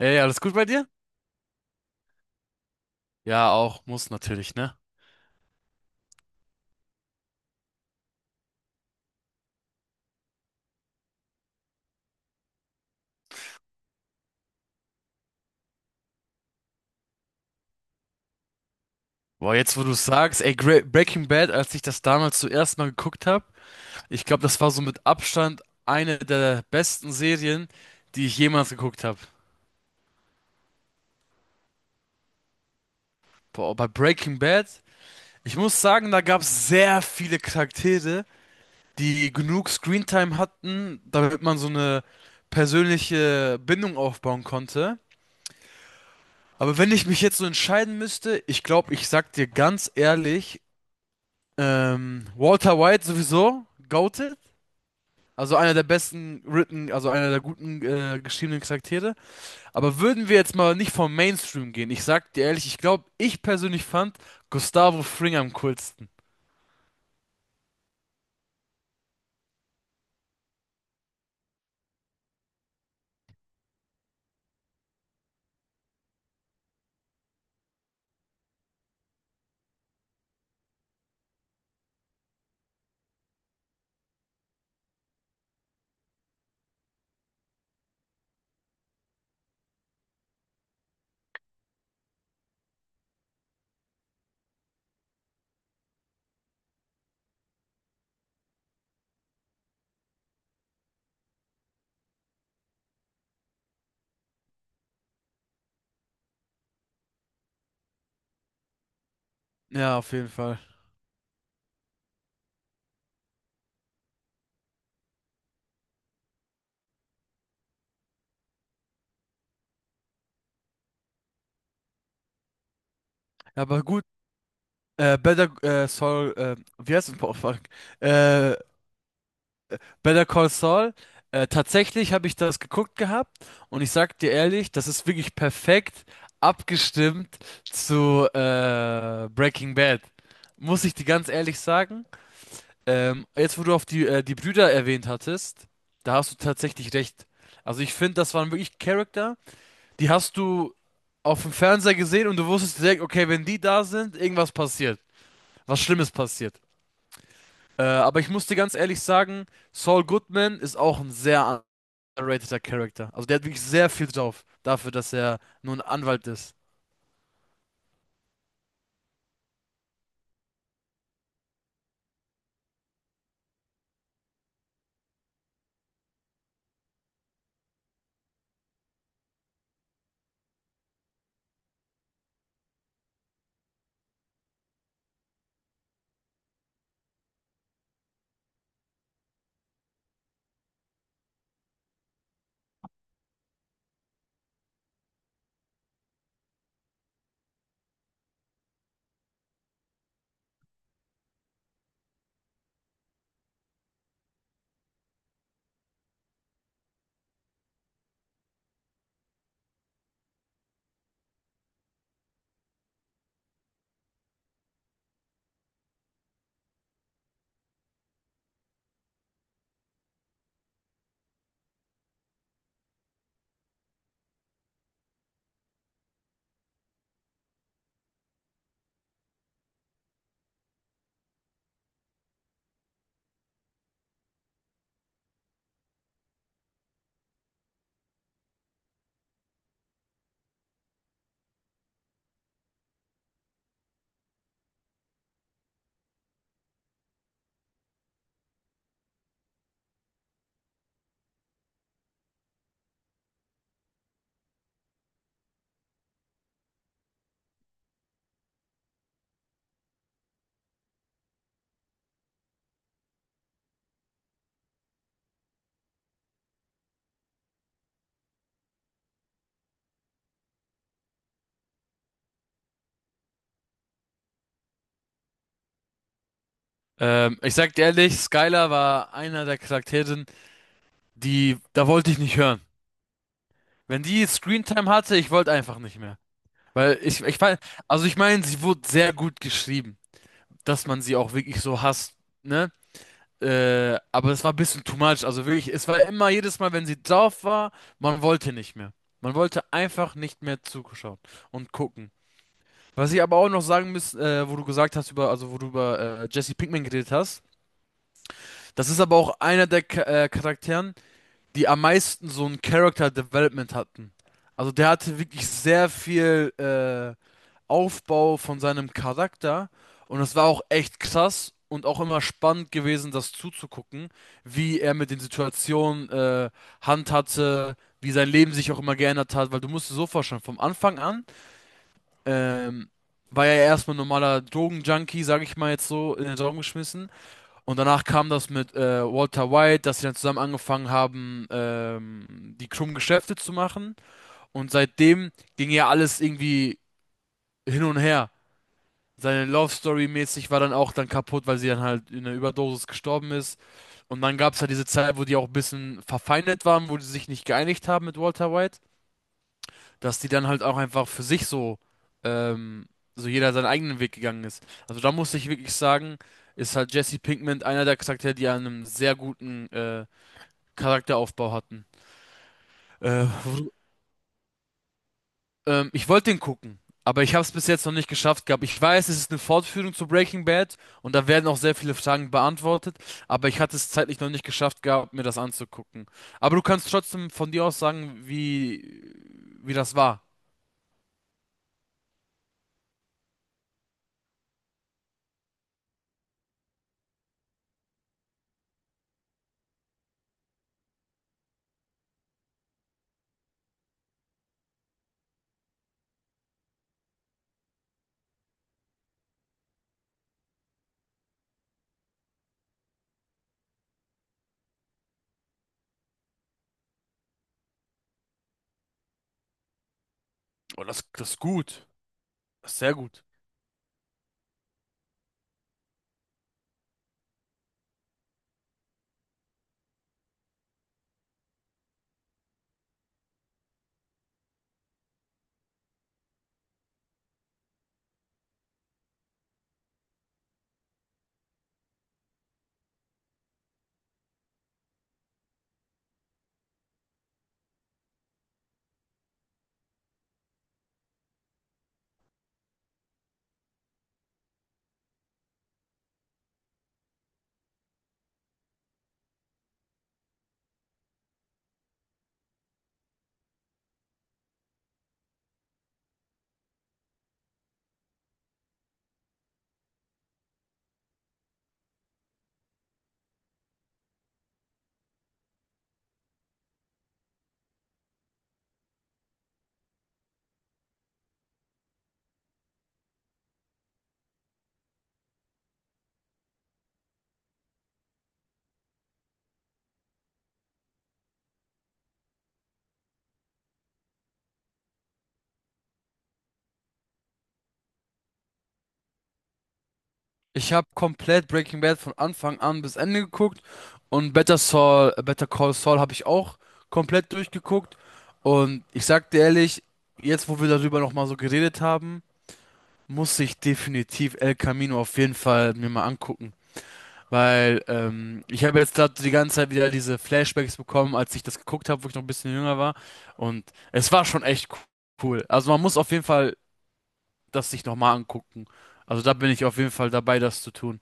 Ey, alles gut bei dir? Ja, auch, muss natürlich, ne? Boah, jetzt wo du sagst, ey, Gra Breaking Bad, als ich das damals zuerst mal geguckt habe, ich glaube, das war so mit Abstand eine der besten Serien, die ich jemals geguckt habe. Boah, bei Breaking Bad, ich muss sagen, da gab es sehr viele Charaktere, die genug Screentime hatten, damit man so eine persönliche Bindung aufbauen konnte. Aber wenn ich mich jetzt so entscheiden müsste, ich glaube, ich sag dir ganz ehrlich, Walter White sowieso, goated. Also einer der besten written, also einer der guten geschriebenen Charaktere. Aber würden wir jetzt mal nicht vom Mainstream gehen? Ich sag dir ehrlich, ich glaube, ich persönlich fand Gustavo Fring am coolsten. Ja, auf jeden Fall. Ja, aber gut. Better Saul, wie heißt es? Boah, fuck. Äh, Better Call Saul. Tatsächlich habe ich das geguckt gehabt und ich sag dir ehrlich, das ist wirklich perfekt abgestimmt zu Breaking Bad. Muss ich dir ganz ehrlich sagen. Jetzt, wo du auf die Brüder erwähnt hattest, da hast du tatsächlich recht. Also ich finde, das waren wirklich Charakter, die hast du auf dem Fernseher gesehen und du wusstest direkt, okay, wenn die da sind, irgendwas passiert. Was Schlimmes passiert. Aber ich muss dir ganz ehrlich sagen, Saul Goodman ist auch ein sehr underrateter Charakter. Also der hat wirklich sehr viel drauf, dafür, dass er nur ein Anwalt ist. Ich sag dir ehrlich, Skylar war einer der Charaktere, die, da wollte ich nicht hören. Wenn die Screentime hatte, ich wollte einfach nicht mehr. Weil ich fand, also ich meine, sie wurde sehr gut geschrieben, dass man sie auch wirklich so hasst, ne? Aber es war ein bisschen too much. Also wirklich, es war immer jedes Mal, wenn sie drauf war, man wollte nicht mehr. Man wollte einfach nicht mehr zuschauen und gucken. Was ich aber auch noch sagen muss, wo du gesagt hast über, also wo du über Jesse Pinkman geredet hast, das ist aber auch einer der Charakteren, die am meisten so ein Character Development hatten. Also der hatte wirklich sehr viel Aufbau von seinem Charakter und es war auch echt krass und auch immer spannend gewesen, das zuzugucken, wie er mit den Situationen handhatte, wie sein Leben sich auch immer geändert hat, weil du musst dir so vorstellen, vom Anfang an ähm, war ja erstmal ein normaler Drogenjunkie, sag ich mal jetzt so, in den Raum geschmissen. Und danach kam das mit Walter White, dass sie dann zusammen angefangen haben, die krummen Geschäfte zu machen. Und seitdem ging ja alles irgendwie hin und her. Seine Love Story mäßig war dann auch dann kaputt, weil sie dann halt in einer Überdosis gestorben ist. Und dann gab es halt diese Zeit, wo die auch ein bisschen verfeindet waren, wo die sich nicht geeinigt haben mit Walter White, dass die dann halt auch einfach für sich so, ähm, so jeder seinen eigenen Weg gegangen ist. Also da muss ich wirklich sagen, ist halt Jesse Pinkman einer der Charaktere, die einen sehr guten Charakteraufbau hatten. Äh, wo- Ich wollte den gucken, aber ich habe es bis jetzt noch nicht geschafft gehabt. Ich weiß, es ist eine Fortführung zu Breaking Bad und da werden auch sehr viele Fragen beantwortet, aber ich hatte es zeitlich noch nicht geschafft gehabt, mir das anzugucken. Aber du kannst trotzdem von dir aus sagen, wie das war. Oh, das ist gut. Das ist sehr gut. Ich habe komplett Breaking Bad von Anfang an bis Ende geguckt und Better Call Saul habe ich auch komplett durchgeguckt und ich sag dir ehrlich, jetzt wo wir darüber nochmal so geredet haben, muss ich definitiv El Camino auf jeden Fall mir mal angucken, weil ich habe jetzt gerade die ganze Zeit wieder diese Flashbacks bekommen, als ich das geguckt habe, wo ich noch ein bisschen jünger war und es war schon echt cool. Also man muss auf jeden Fall das sich nochmal angucken. Also da bin ich auf jeden Fall dabei, das zu tun.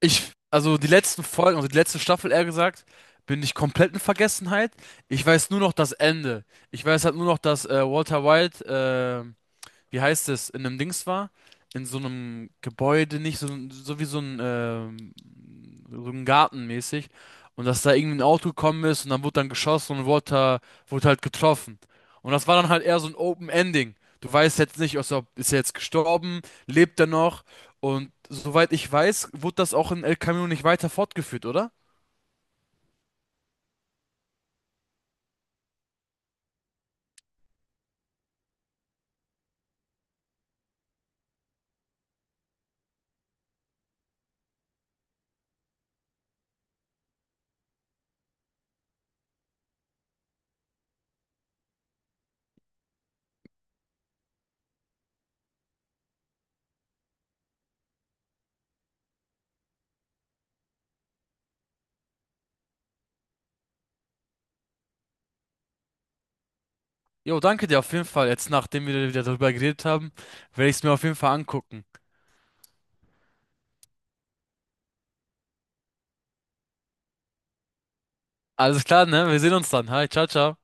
Ich, also die letzten Folgen, also die letzte Staffel eher gesagt, bin ich komplett in Vergessenheit. Ich weiß nur noch das Ende. Ich weiß halt nur noch, dass Walter White äh, wie heißt es, in einem Dings war, in so einem Gebäude, nicht so, so wie so ein Garten mäßig. Und dass da irgendwie ein Auto gekommen ist und dann wurde dann geschossen und wurde halt getroffen. Und das war dann halt eher so ein Open Ending. Du weißt jetzt nicht, ist er jetzt gestorben, lebt er noch? Und soweit ich weiß, wurde das auch in El Camino nicht weiter fortgeführt, oder? Jo, danke dir auf jeden Fall. Jetzt, nachdem wir wieder darüber geredet haben, werde ich es mir auf jeden Fall angucken. Alles klar, ne? Wir sehen uns dann. Hi, ciao, ciao.